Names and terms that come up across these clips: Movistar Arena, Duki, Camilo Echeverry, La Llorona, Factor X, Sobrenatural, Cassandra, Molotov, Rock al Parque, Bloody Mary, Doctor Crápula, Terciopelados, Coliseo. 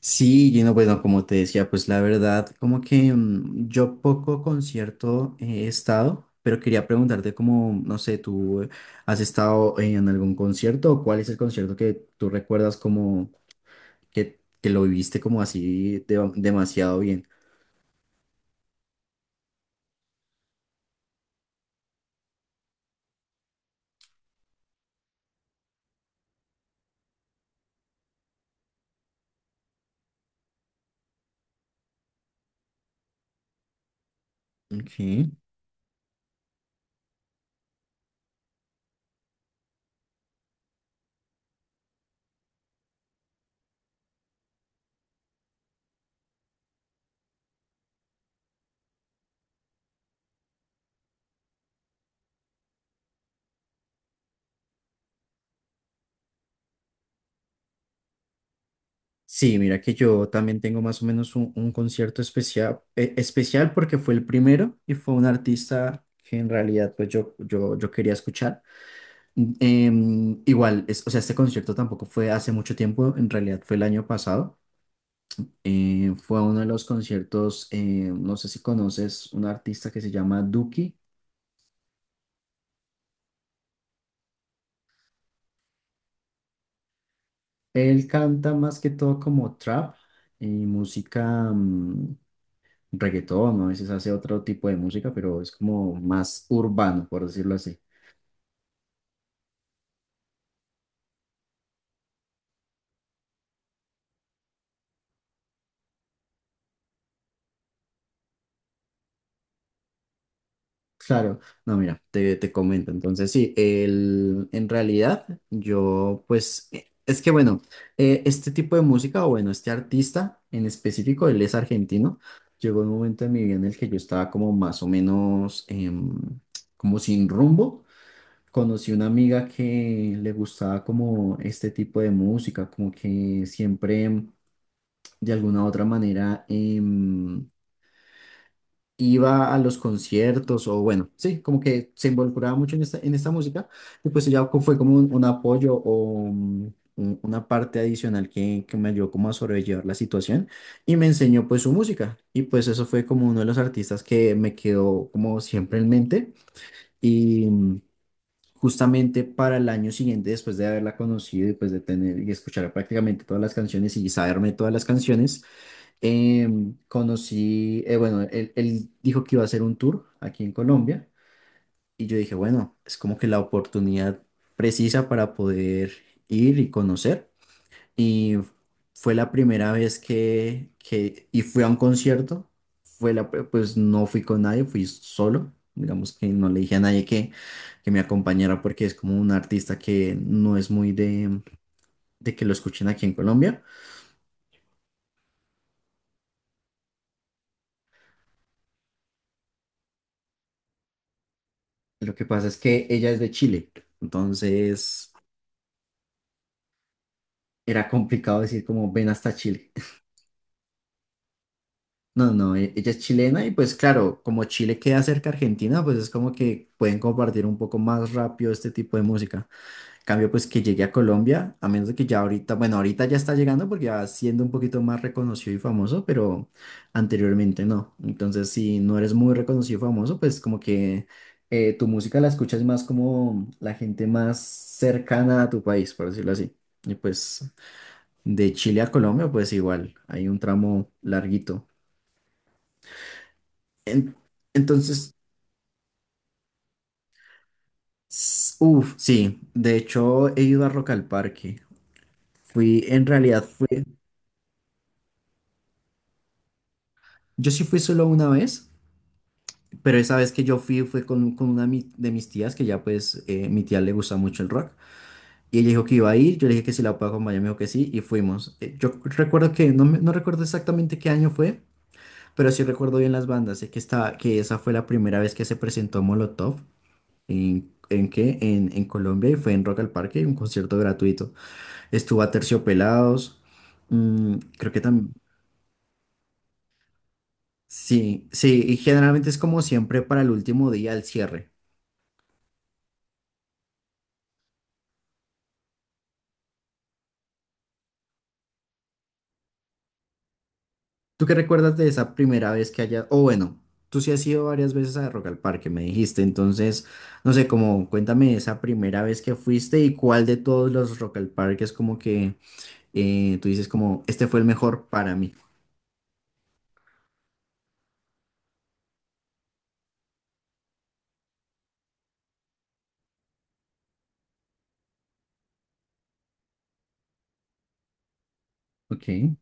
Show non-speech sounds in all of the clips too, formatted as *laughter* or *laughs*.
Sí, Gino, bueno, como te decía, pues la verdad, como que yo poco concierto he estado, pero quería preguntarte como, no sé, ¿tú has estado en algún concierto o cuál es el concierto que tú recuerdas como que lo viviste como así demasiado bien? Ok. Sí, mira que yo también tengo más o menos un concierto especial porque fue el primero y fue un artista que en realidad pues yo quería escuchar. Igual, o sea, este concierto tampoco fue hace mucho tiempo, en realidad fue el año pasado. Fue uno de los conciertos, no sé si conoces un artista que se llama Duki. Él canta más que todo como trap y música reggaetón, ¿no? A veces hace otro tipo de música, pero es como más urbano, por decirlo así. Claro, no, mira, te comento. Entonces, sí, en realidad yo, pues, es que bueno, este tipo de música, o bueno, este artista en específico, él es argentino. Llegó un momento en mi vida en el que yo estaba como más o menos, como sin rumbo. Conocí una amiga que le gustaba como este tipo de música, como que siempre, de alguna u otra manera, iba a los conciertos o bueno, sí, como que se involucraba mucho en esta música y pues ella fue como un apoyo o una parte adicional que me ayudó como a sobrellevar la situación y me enseñó pues su música y pues eso fue como uno de los artistas que me quedó como siempre en mente y justamente para el año siguiente después de haberla conocido y pues de tener y escuchar prácticamente todas las canciones y saberme todas las canciones. Conocí, bueno, él dijo que iba a hacer un tour aquí en Colombia y yo dije, bueno, es como que la oportunidad precisa para poder ir y conocer. Y fue la primera vez que y fui a un concierto, fue pues no fui con nadie, fui solo. Digamos que no le dije a nadie que, me acompañara porque es como un artista que no es muy de que lo escuchen aquí en Colombia. Lo que pasa es que ella es de Chile, entonces era complicado decir como ven hasta Chile. *laughs* No, no, ella es chilena y pues claro, como Chile queda cerca a Argentina, pues es como que pueden compartir un poco más rápido este tipo de música. En cambio, pues que llegue a Colombia, a menos de que ya ahorita, bueno, ahorita ya está llegando porque ya siendo un poquito más reconocido y famoso, pero anteriormente no. Entonces, si no eres muy reconocido y famoso, pues como que tu música la escuchas más como la gente más cercana a tu país, por decirlo así. Y pues de Chile a Colombia, pues igual, hay un tramo larguito. En- entonces, uff, sí, de hecho he ido a Rock al Parque. Fui, en realidad fui, yo sí fui solo una vez, pero esa vez que yo fui fue con, una de mis tías, que ya pues mi tía le gusta mucho el rock. Y ella dijo que iba a ir, yo le dije que si la puedo acompañar, me dijo que sí, y fuimos. Yo recuerdo que, no, no recuerdo exactamente qué año fue, pero sí recuerdo bien las bandas, sé que, estaba, que esa fue la primera vez que se presentó Molotov. ¿En qué? En Colombia, y fue en Rock al Parque, un concierto gratuito. Estuvo a Terciopelados, creo que también. Sí, sí, y generalmente es como siempre para el último día, el cierre. ¿Tú qué recuerdas de esa primera vez que hayas, o bueno, tú sí has ido varias veces a Rock al Parque, me dijiste, entonces, no sé, como cuéntame esa primera vez que fuiste y cuál de todos los Rock al Parque es como que tú dices como, este fue el mejor para mí? Ok.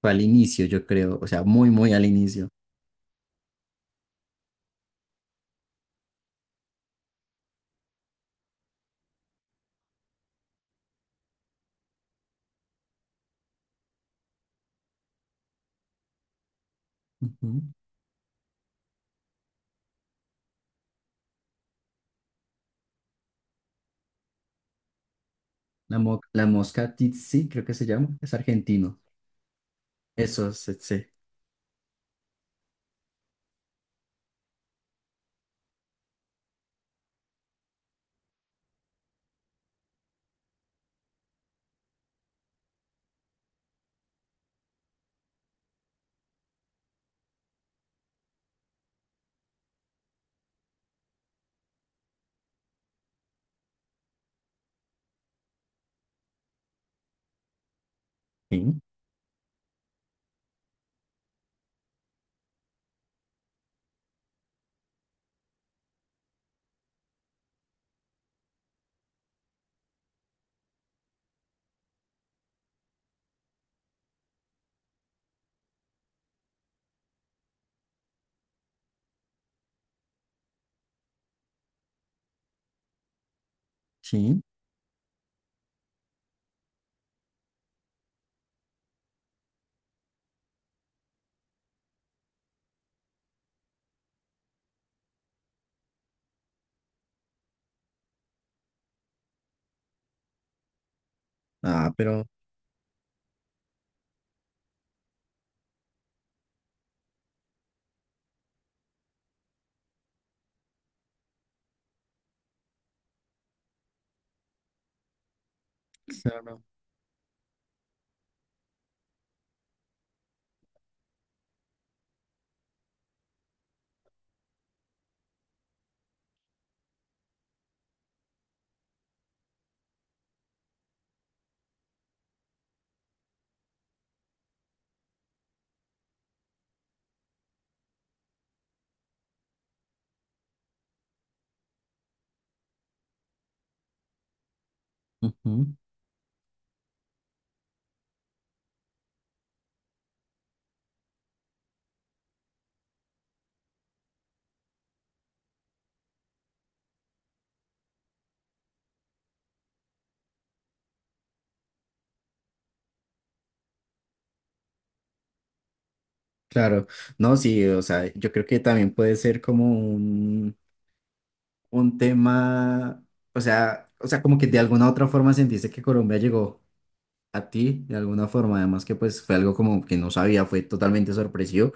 Fue al inicio, yo creo, o sea, muy, muy al inicio. Ujú. La mosca tsetse, creo que se llama, es argentino. Eso es tsetse. Sí, sí. Ah, pero claro. Ujú. Claro. No, sí, o sea, yo creo que también puede ser como un tema, o sea, como que de alguna otra forma sentiste que Colombia llegó a ti, de alguna forma, además que pues fue algo como que no sabía, fue totalmente sorpresivo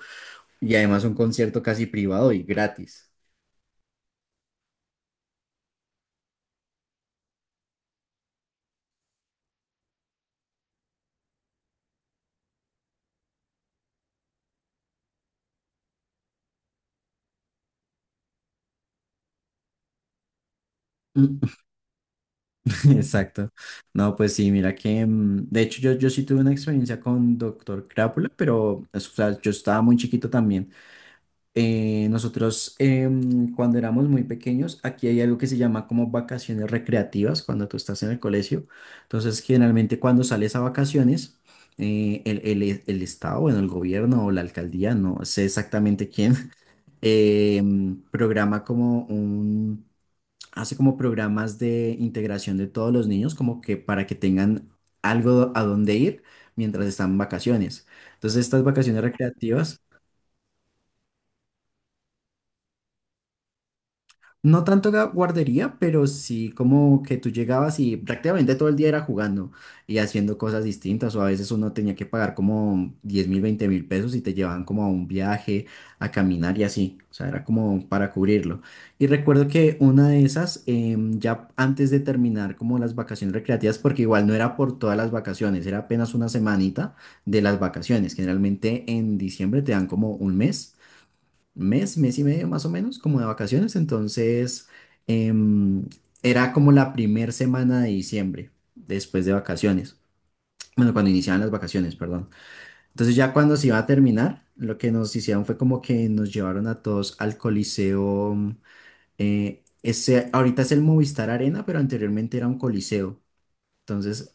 y además un concierto casi privado y gratis. *laughs* Exacto. No, pues sí, mira que, de hecho yo sí tuve una experiencia con Doctor Crápula, pero o sea, yo estaba muy chiquito también. Nosotros cuando éramos muy pequeños, aquí hay algo que se llama como vacaciones recreativas cuando tú estás en el colegio. Entonces, generalmente cuando sales a vacaciones, el Estado, bueno, el gobierno o la alcaldía, no sé exactamente quién, *laughs* em, programa como un hace como programas de integración de todos los niños, como que para que tengan algo a dónde ir mientras están en vacaciones. Entonces, estas vacaciones recreativas. No tanto guardería, pero sí como que tú llegabas y prácticamente todo el día era jugando y haciendo cosas distintas o a veces uno tenía que pagar como 10.000, 20.000 pesos y te llevaban como a un viaje, a caminar y así, o sea, era como para cubrirlo. Y recuerdo que una de esas, ya antes de terminar como las vacaciones recreativas, porque igual no era por todas las vacaciones, era apenas una semanita de las vacaciones, generalmente en diciembre te dan como un mes, mes y medio más o menos, como de vacaciones. Entonces, em, era como la primer semana de diciembre, después de vacaciones. Bueno, cuando iniciaban las vacaciones, perdón. Entonces, ya cuando se iba a terminar, lo que nos hicieron fue como que nos llevaron a todos al Coliseo. Ahorita es el Movistar Arena, pero anteriormente era un Coliseo. Entonces.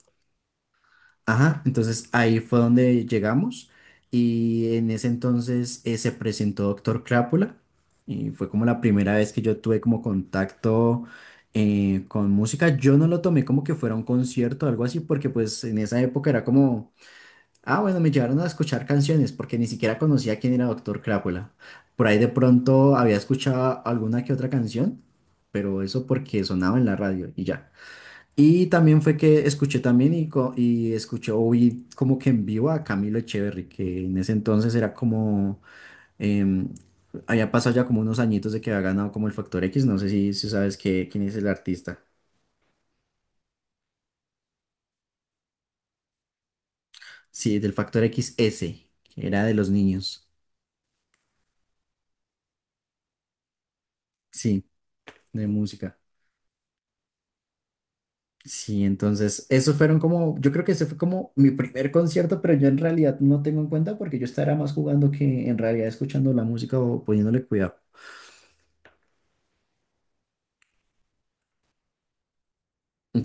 Ajá, entonces ahí fue donde llegamos y en ese entonces se presentó Doctor Crápula y fue como la primera vez que yo tuve como contacto con música. Yo no lo tomé como que fuera un concierto o algo así porque pues en esa época era como, ah bueno, me llevaron a escuchar canciones porque ni siquiera conocía quién era Doctor Crápula. Por ahí de pronto había escuchado alguna que otra canción, pero eso porque sonaba en la radio y ya. Y también fue que escuché también y, y escuché o vi como que en vivo a Camilo Echeverry, que en ese entonces era como, em, había pasado ya como unos añitos de que había ganado como el Factor X, no sé si, sabes quién es el artista. Sí, del Factor X XS, que era de los niños, sí, de música. Sí, entonces, esos fueron como, yo creo que ese fue como mi primer concierto, pero yo en realidad no tengo en cuenta porque yo estaba más jugando que en realidad escuchando la música o poniéndole cuidado.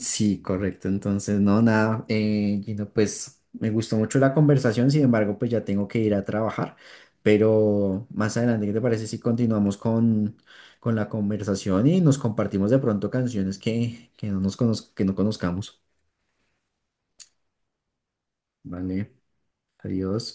Sí, correcto. Entonces, no, nada, Gino, pues me gustó mucho la conversación, sin embargo, pues ya tengo que ir a trabajar, pero más adelante, ¿qué te parece si continuamos con, la conversación y nos compartimos de pronto canciones que que no conozcamos? Vale, adiós.